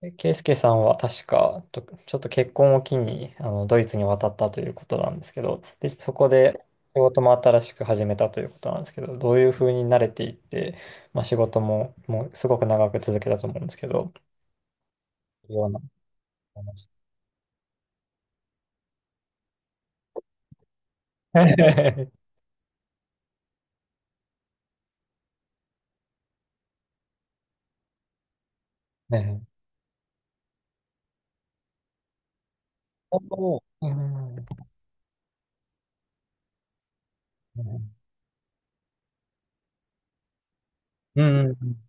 でケイスケさんは確か、とちょっと結婚を機に、ドイツに渡ったということなんですけど、で、そこで仕事も新しく始めたということなんですけど、どういうふうに慣れていって、まあ、仕事も、もうすごく長く続けたと思うんですけど、ような思いました。ねえ。おー、うんうん。うんうん。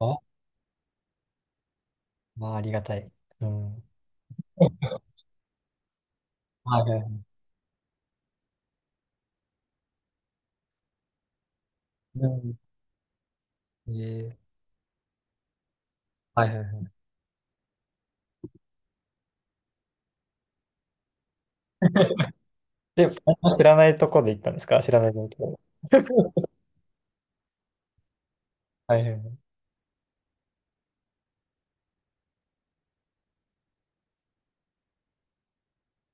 あ、まあ、ありがたい。うん。はいはいはい。うん。ええ。はいはいはい。で、知らないとこで行ったんですか？知らない状況。はいはいはい。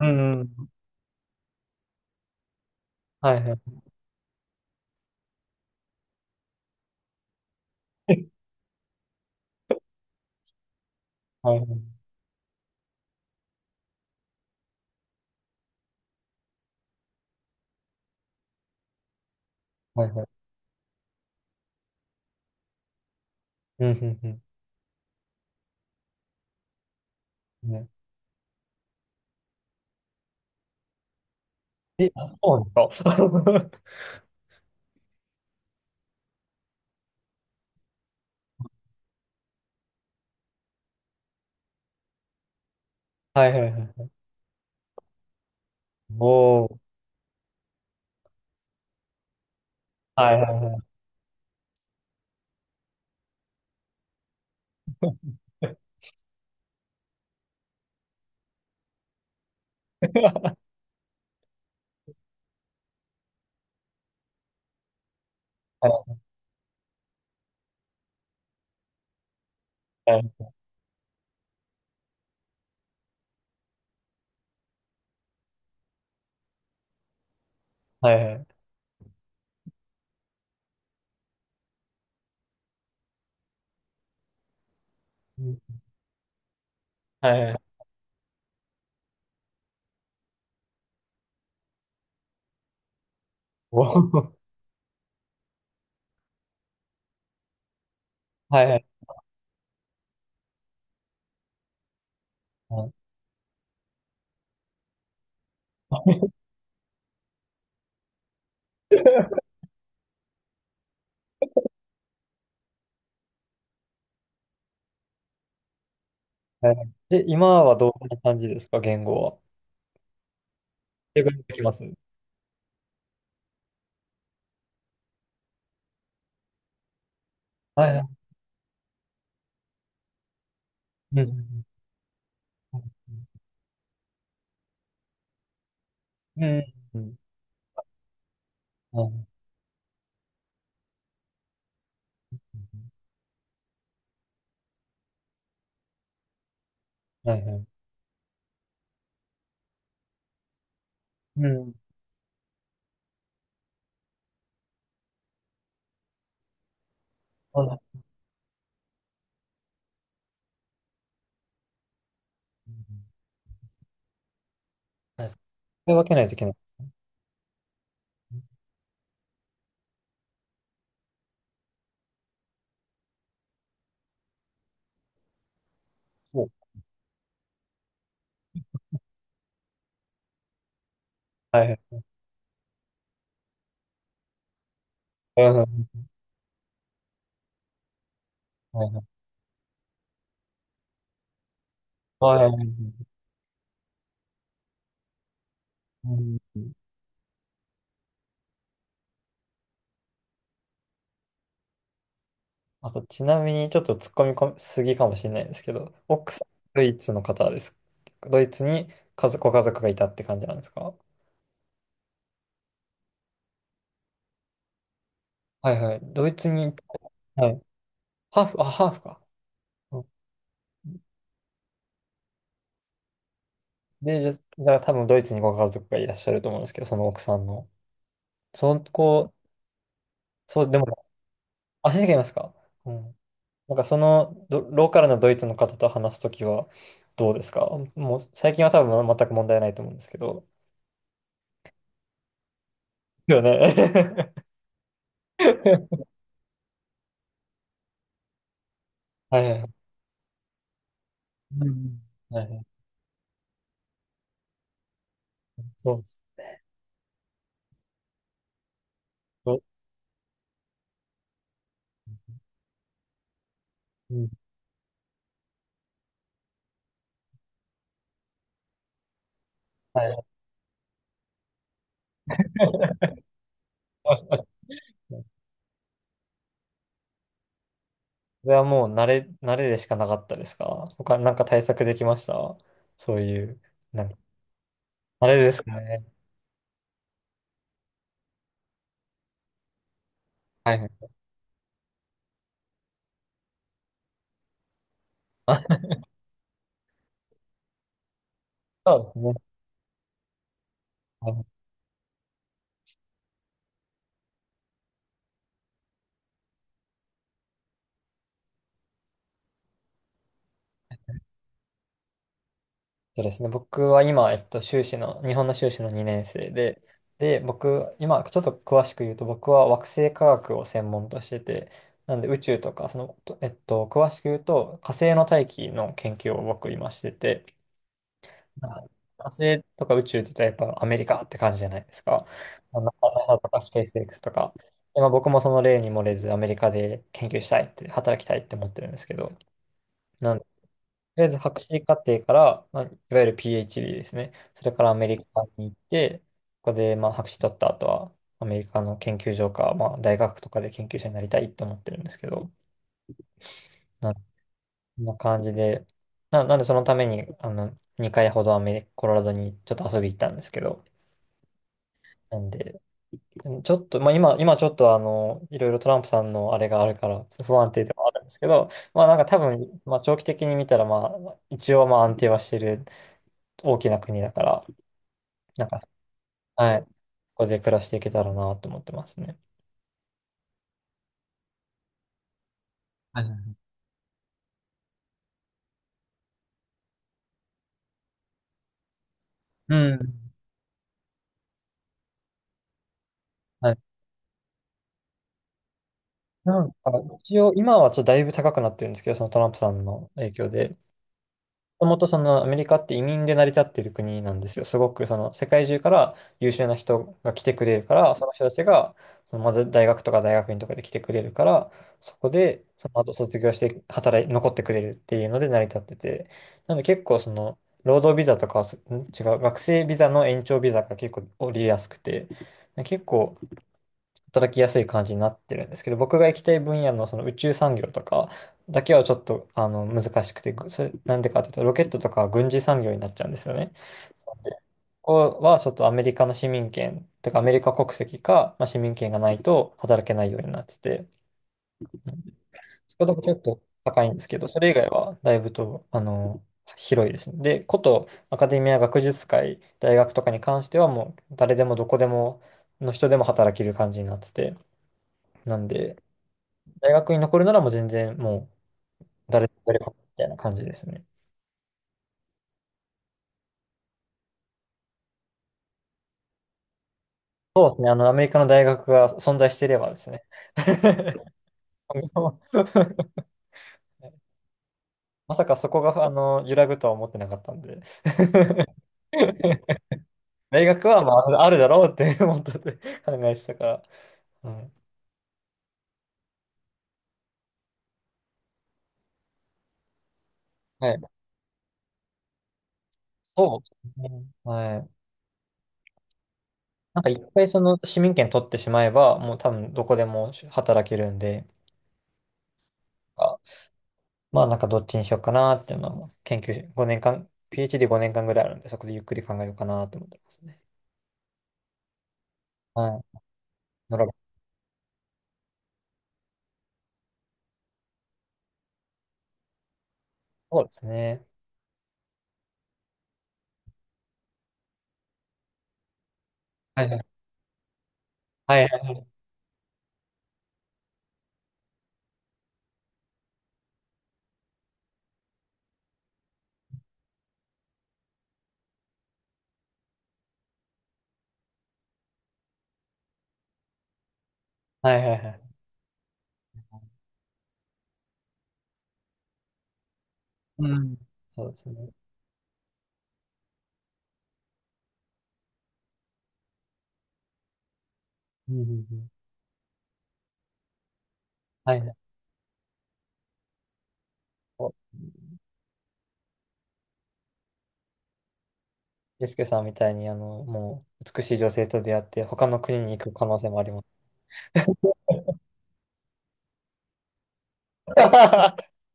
うんうん。はいはい。はいはい。はいはい。うん、うん、うん。ね。え、あ、そうなんですか？ はいはいはい。おー。はいはいはい。はいはいはいはい。うん。はいはい。おー。はいはいはい。はいはい。 え、今はどんな感じですか、言語は。英語にできます？はいはい。うん。うん。うん。うん。はいはい。うん。はいはい。はい。分けないといけない。そう。はいはい。はいはい。はいはい。はいはい。うん。あと、ちなみにちょっと突っ込みこすぎかもしれないんですけど、奥さん、ドイツの方です？ドイツに家族、ご家族がいたって感じなんですか？はいはい。ドイツに、はい。ハーフ、あ、ハーフか。うん。で、じゃ、じゃあ多分ドイツにご家族がいらっしゃると思うんですけど、その奥さんの。その子、そう、でも、あ、先生がいますか？うん。なんかそのどローカルなドイツの方と話すときはどうですか？もう最近は多分全く問題ないと思うんですけど。よね。はいはい。うん。はいはい。そうです。お。うん。はいはい。それはもう慣れ、慣れでしかなかったですか？他なんか対策できました？そういう、なんか、あれですかね。はいはい。あ、そうですね。はい。そうですね。僕は今、修士の、日本の修士の2年生で、で、僕、今、ちょっと詳しく言うと、僕は惑星科学を専門としてて、なんで宇宙とか、その、と詳しく言うと、火星の大気の研究を僕今してて、はい。火星とか宇宙って言ったらやっぱアメリカって感じじゃないですか。まあの、ナメとかスペース X とか。でまあ、僕もその例に漏れずアメリカで研究したいって、働きたいって思ってるんですけど、なんで、とりあえず博士課程から、まあ、いわゆる PhD ですね。それからアメリカに行って、ここでまあ博士取った後はアメリカの研究所か、まあ、大学とかで研究者になりたいって思ってるんですけど、な、こんな感じで、な、なんでそのためにあの2回ほどアメリカ、コロラドにちょっと遊び行ったんですけど、なんで、でもちょっと、まあ、今、今ちょっといろいろトランプさんのあれがあるから、不安定ではあるんですけど、まあなんか多分、まあ長期的に見たら、まあ、一応まあ安定はしてる大きな国だから、なんか、はい、ここで暮らしていけたらなと思ってますね。はいはいはい。うん。はい。なんか、一応、今はちょっとだいぶ高くなってるんですけど、そのトランプさんの影響で。もともとそのアメリカって移民で成り立っている国なんですよ。すごくその世界中から優秀な人が来てくれるから、その人たちがそのまず大学とか大学院とかで来てくれるから、そこでその後卒業して働い、残ってくれるっていうので成り立ってて、なので結構その労働ビザとかはす、ん違う、学生ビザの延長ビザが結構降りやすくて、結構働きやすい感じになってるんですけど、僕が行きたい分野のその宇宙産業とかだけはちょっとあの難しくて、ぐそれなんでかっていうと、ロケットとかは軍事産業になっちゃうんですよね。で、ここはちょっとアメリカの市民権とかアメリカ国籍か、まあ、市民権がないと働けないようになってて、うん、そこだけちょっと高いんですけど、それ以外はだいぶと広いですね。で、ことアカデミア学術会、大学とかに関してはもう誰でもどこでもの人でも働ける感じになってて、なんで、大学に残るならもう全然もう誰でもやればみたいな感じですね。そうですね。あの、アメリカの大学が存在していればですね。今後。 まさかそこが、あの、揺らぐとは思ってなかったんで。大学は、まあ、あるだろうって思ってて 考えてたから。はい。はい。そうですね。はい。なんか一回その市民権取ってしまえば、もう多分どこでも働けるんで。まあなんかどっちにしようかなっていうのを研究し、5年間、PhD 5年間ぐらいあるんで、そこでゆっくり考えようかなと思ってますね。はい。ドラゴン。そうですね。はいはい。はいはいはいはいはい。うん。そうですね。うんうんうん。はいはい。お。ゆうすけさんみたいに、あの、もう美しい女性と出会って、他の国に行く可能性もあります。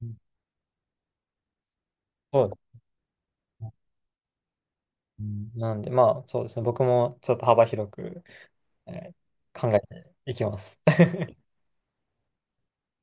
うん。そうですね。うん。なんで、まあそうですね。僕もちょっと幅広く、えー考えていきます。